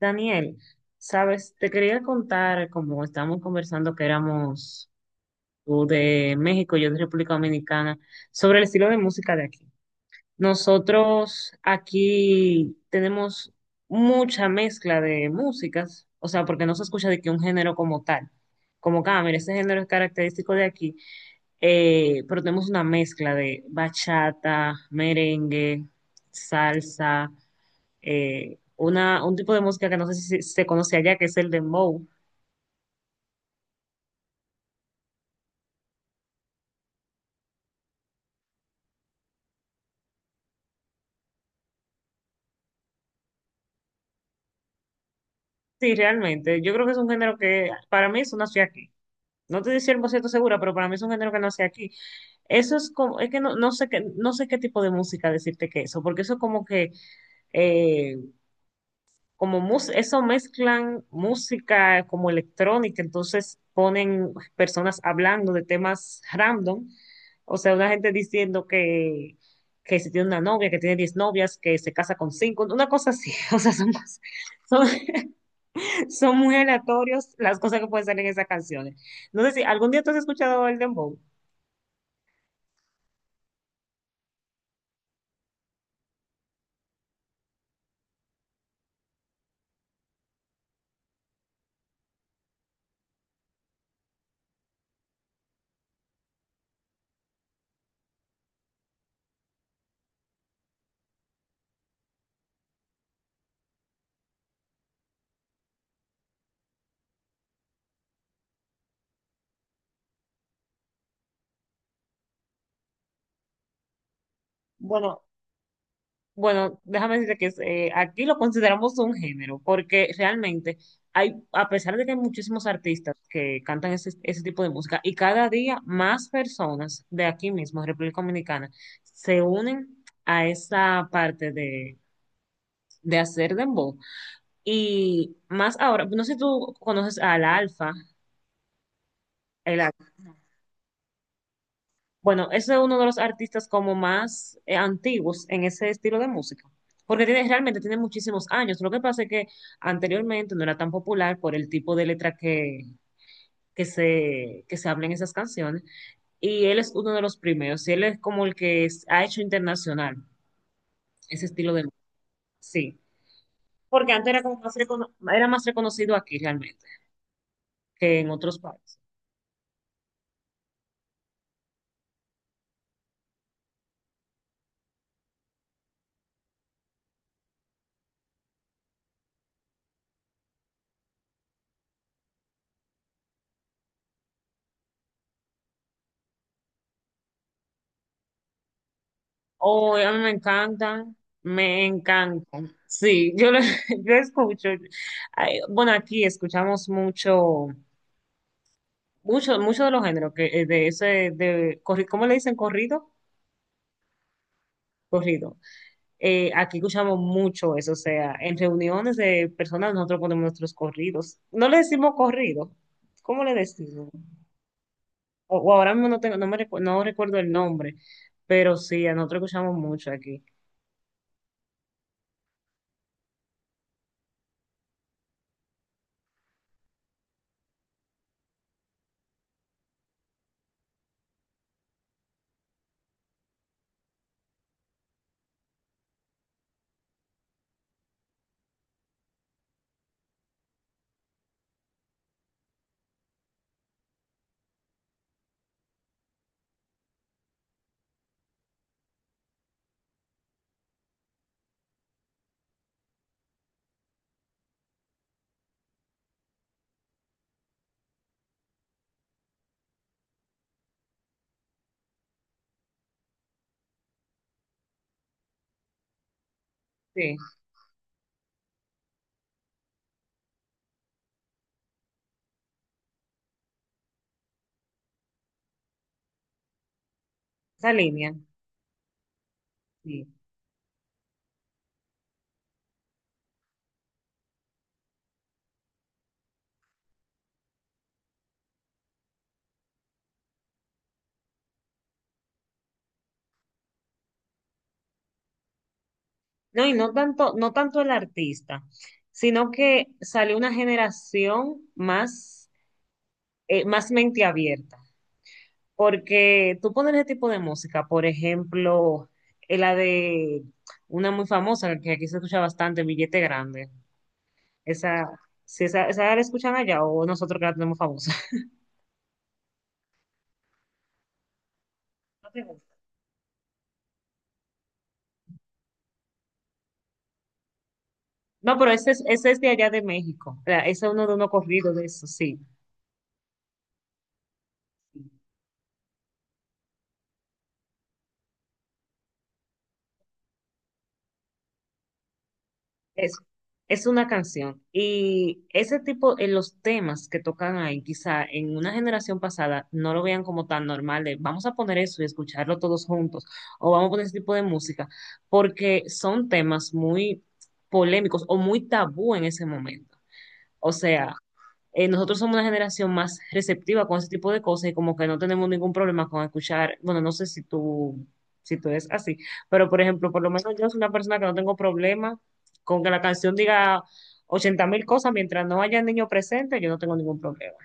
Daniel, sabes, te quería contar, como estábamos conversando que éramos tú de México, yo de República Dominicana, sobre el estilo de música de aquí. Nosotros aquí tenemos mucha mezcla de músicas, o sea, porque no se escucha de que un género como tal, como que, ah, mira, este género es característico de aquí, pero tenemos una mezcla de bachata, merengue, salsa, una, un tipo de música que no sé si se conoce allá, que es el dembow. Sí, realmente, yo creo que es un género que para mí eso nació aquí. No te estoy 100% segura, pero para mí es un género que nació aquí. Eso es como, es que no, no sé qué tipo de música decirte que eso, porque eso es como que eh, como mus- eso mezclan música como electrónica, entonces ponen personas hablando de temas random. O sea, una gente diciendo que se tiene una novia, que tiene 10 novias, que se casa con cinco, una cosa así, o sea, son, cosas- son, son muy aleatorios las cosas que pueden salir en esas canciones. No sé si algún día tú has escuchado el dembow. Bueno, Bueno, déjame decirte que es, aquí lo consideramos un género, porque realmente hay, a pesar de que hay muchísimos artistas que cantan ese tipo de música, y cada día más personas de aquí mismo, República Dominicana, se unen a esa parte de hacer dembow. Y más ahora, no sé si tú conoces al Alfa, el… Bueno, ese es uno de los artistas como más antiguos en ese estilo de música, porque tiene, realmente tiene muchísimos años. Lo que pasa es que anteriormente no era tan popular por el tipo de letra que, que se habla en esas canciones, y él es uno de los primeros, y él es como el que es- ha hecho internacional ese estilo de música, sí, porque antes era como más recono- era más reconocido aquí realmente que en otros países. Oh, a mí me encantan, me encantan. Sí, yo lo, yo escucho. Ay, bueno, aquí escuchamos mucho, mucho de los géneros que de ese, de corri- ¿cómo le dicen? ¿Corrido? Corrido. Aquí escuchamos mucho eso, o sea, en reuniones de personas nosotros ponemos nuestros corridos. No le decimos corrido, ¿cómo le decimos? O ahora mismo no tengo, no me recu- no recuerdo el nombre, pero sí, a nosotros escuchamos mucho aquí. Sí, esa línea. Sí. No, y no tanto, no tanto el artista, sino que salió una generación más, más mente abierta. Porque tú pones ese tipo de música, por ejemplo, la de una muy famosa que aquí se escucha bastante, Billete Grande. Esa, si esa, esa la escuchan allá o nosotros que la tenemos famosa. No, No, pero ese es de allá de México. O sea, ese es uno de unos corridos de eso, sí. Es, es una canción. Y ese tipo, en los temas que tocan ahí, quizá en una generación pasada no lo vean como tan normal de vamos a poner eso y escucharlo todos juntos, o vamos a poner ese tipo de música, porque son temas muy polémicos o muy tabú en ese momento. O sea, nosotros somos una generación más receptiva con ese tipo de cosas y como que no tenemos ningún problema con escuchar, bueno, no sé si tú, es así, pero por ejemplo, por lo menos yo soy una persona que no tengo problema con que la canción diga 80 mil cosas mientras no haya niño presente, yo no tengo ningún problema.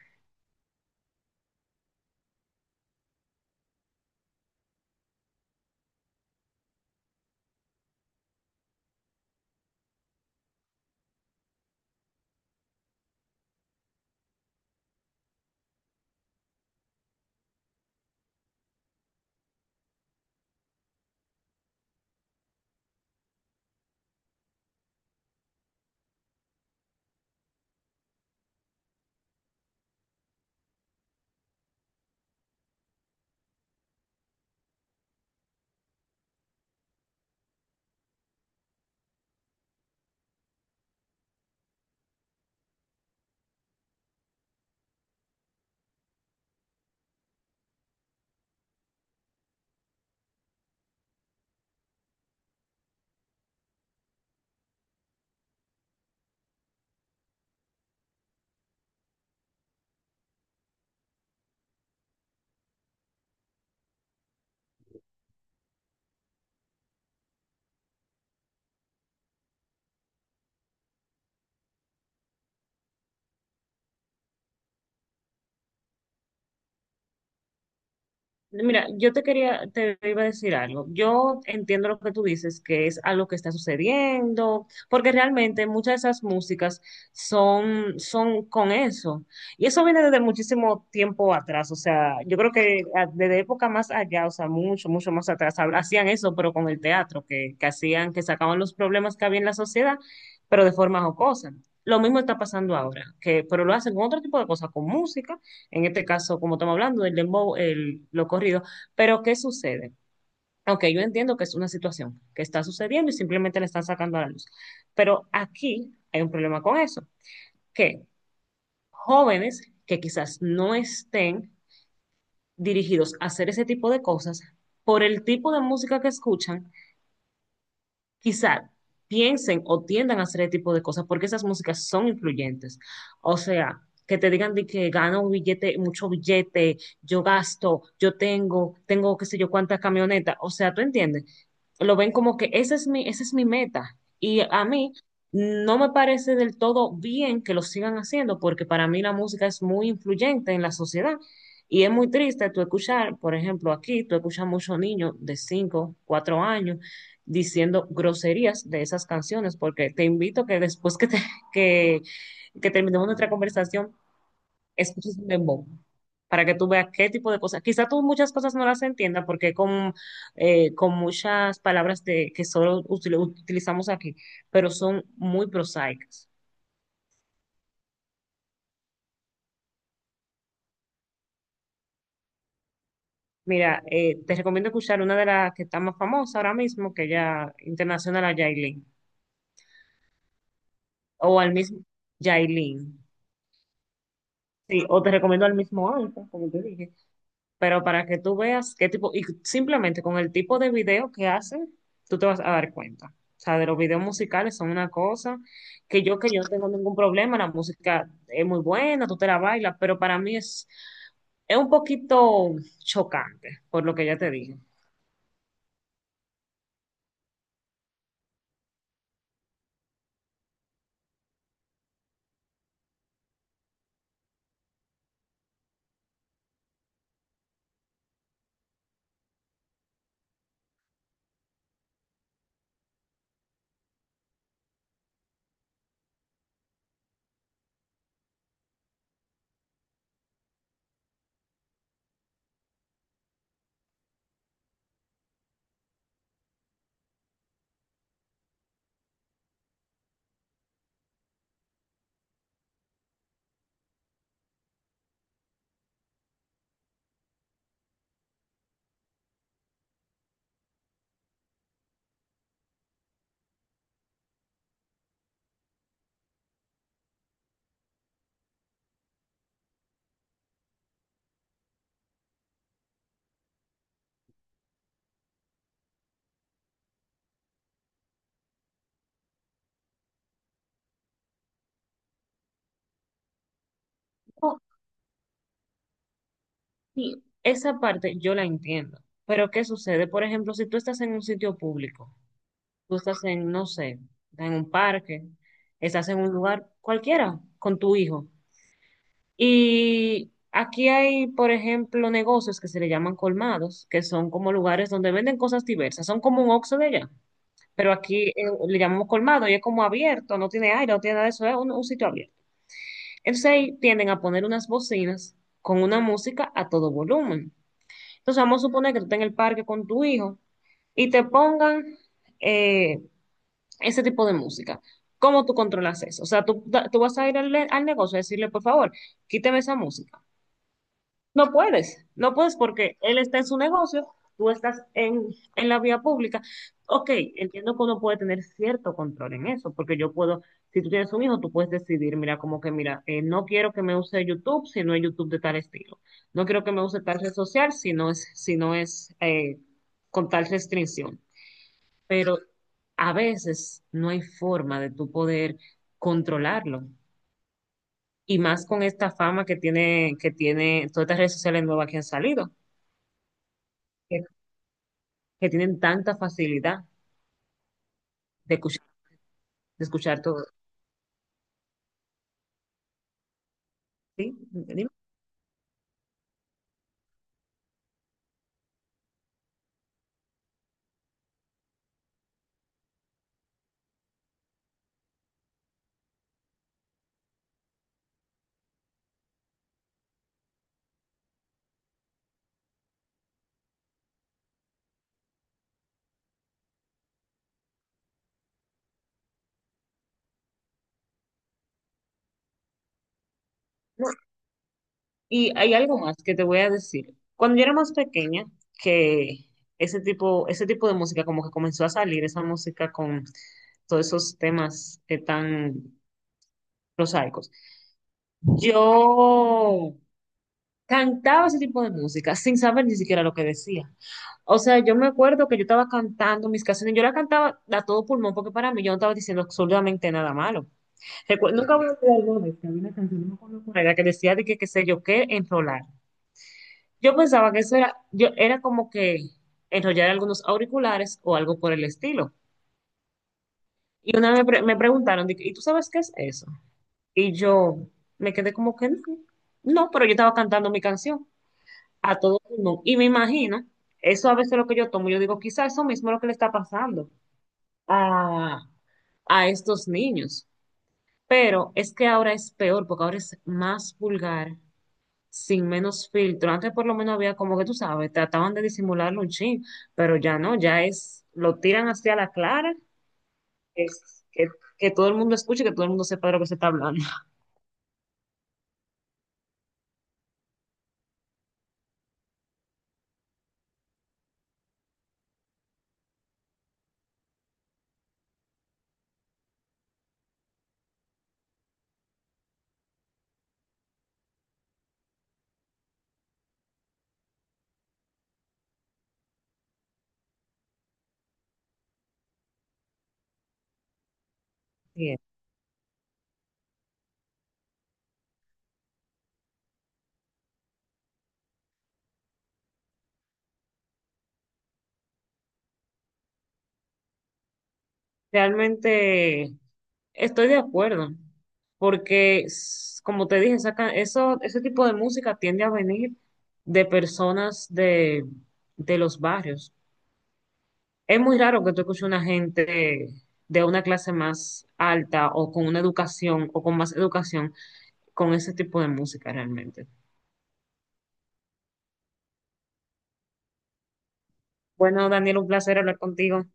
Mira, te iba a decir algo. Yo entiendo lo que tú dices, que es algo que está sucediendo, porque realmente muchas de esas músicas son, son con eso. Y eso viene desde muchísimo tiempo atrás. O sea, yo creo que a- desde época más allá, o sea, mucho, mucho más atrás, hab- hacían eso, pero con el teatro, que hacían, que sacaban los problemas que había en la sociedad, pero de forma jocosa. Lo mismo está pasando ahora, que, pero lo hacen con otro tipo de cosas, con música en este caso, como estamos hablando, el dembow, el, lo corrido, pero ¿qué sucede? Ok, yo entiendo que es una situación que está sucediendo y simplemente la están sacando a la luz, pero aquí hay un problema con eso, que jóvenes que quizás no estén dirigidos a hacer ese tipo de cosas, por el tipo de música que escuchan, quizá piensen o tiendan a hacer ese tipo de cosas porque esas músicas son influyentes. O sea, que te digan de que gano billete, mucho billete, yo gasto, tengo qué sé yo cuántas camionetas. O sea, ¿tú entiendes? Lo ven como que esa es mi meta. Y a mí no me parece del todo bien que lo sigan haciendo porque para mí la música es muy influyente en la sociedad. Y es muy triste tú escuchar, por ejemplo, aquí tú escuchas muchos niños de 5 4 años diciendo groserías de esas canciones, porque te invito que después que, que terminemos nuestra conversación, escuches un dembow para que tú veas qué tipo de cosas. Quizá tú muchas cosas no las entiendas porque con muchas palabras de, que solo util- utilizamos aquí, pero son muy prosaicas. Mira, te recomiendo escuchar una de las que está más famosa ahora mismo, que ya internacional a Yailin, o al mismo Yailin. Sí, o te recomiendo al mismo Alfa, como te dije. Pero para que tú veas qué tipo, y simplemente con el tipo de video que hacen, tú te vas a dar cuenta. O sea, de los videos musicales son una cosa que yo no tengo ningún problema, la música es muy buena, tú te la bailas, pero para mí es un poquito chocante, por lo que ya te dije. Oh, sí, esa parte yo la entiendo, pero ¿qué sucede? Por ejemplo, si tú estás en un sitio público, tú estás en, no sé, en un parque, estás en un lugar cualquiera con tu hijo. Y aquí hay, por ejemplo, negocios que se le llaman colmados, que son como lugares donde venden cosas diversas. Son como un Oxxo de allá, pero aquí le llamamos colmado y es como abierto, no tiene aire, no tiene nada de eso, es un sitio abierto. Entonces ahí tienden a poner unas bocinas con una música a todo volumen. Entonces vamos a suponer que tú estás en el parque con tu hijo y te pongan eh, ese tipo de música. ¿Cómo tú controlas eso? O sea, tú vas a ir al, al negocio a decirle, por favor, quíteme esa música. No puedes, no puedes porque él está en su negocio, tú estás en la vía pública. Ok, entiendo que uno puede tener cierto control en eso, porque yo puedo, si tú tienes un hijo, tú puedes decidir, mira, como que, mira, no quiero que me use YouTube si no es YouTube de tal estilo. No quiero que me use tal red social si no es, con tal restricción. Pero a veces no hay forma de tú poder controlarlo. Y más con esta fama que tiene todas estas redes sociales nuevas que han salido, que tienen tanta facilidad de escuchar, de escuchar todo. ¿Sí? Dime. No, y hay algo más que te voy a decir. Cuando yo era más pequeña, que ese tipo de música como que comenzó a salir, esa música con todos esos temas tan prosaicos. Yo cantaba ese tipo de música sin saber ni siquiera lo que decía. O sea, yo me acuerdo que yo estaba cantando mis canciones, yo la cantaba a todo pulmón porque para mí yo no estaba diciendo absolutamente nada malo. Recu- Nunca voy a olvidar una vez que había una canción, no me acuerdo cuál era, que decía de que qué sé yo qué, enrolar. Yo pensaba que eso era, yo, era como que enrollar algunos auriculares o algo por el estilo. Y una vez me preguntaron, de que, ¿y tú sabes qué es eso? Y yo me quedé como que no, no, pero yo estaba cantando mi canción a todo mundo. Y me imagino, eso a veces lo que yo tomo, yo digo, quizá eso mismo es lo que le está pasando a, a estos niños. Pero es que ahora es peor, porque ahora es más vulgar sin menos filtro. Antes por lo menos había como que tú sabes, trataban de disimularlo un chin, pero ya no, ya es, lo tiran hacia la clara, es, que, que todo el mundo escuche, que todo el mundo sepa de lo que se está hablando. Bien. Realmente estoy de acuerdo, porque s- como te dije, saca, eso, ese tipo de música tiende a venir de personas de los barrios. Es muy raro que tú escuches una gente de una clase más alta o con una educación o con más educación con ese tipo de música realmente. Bueno, Daniel, un placer hablar contigo.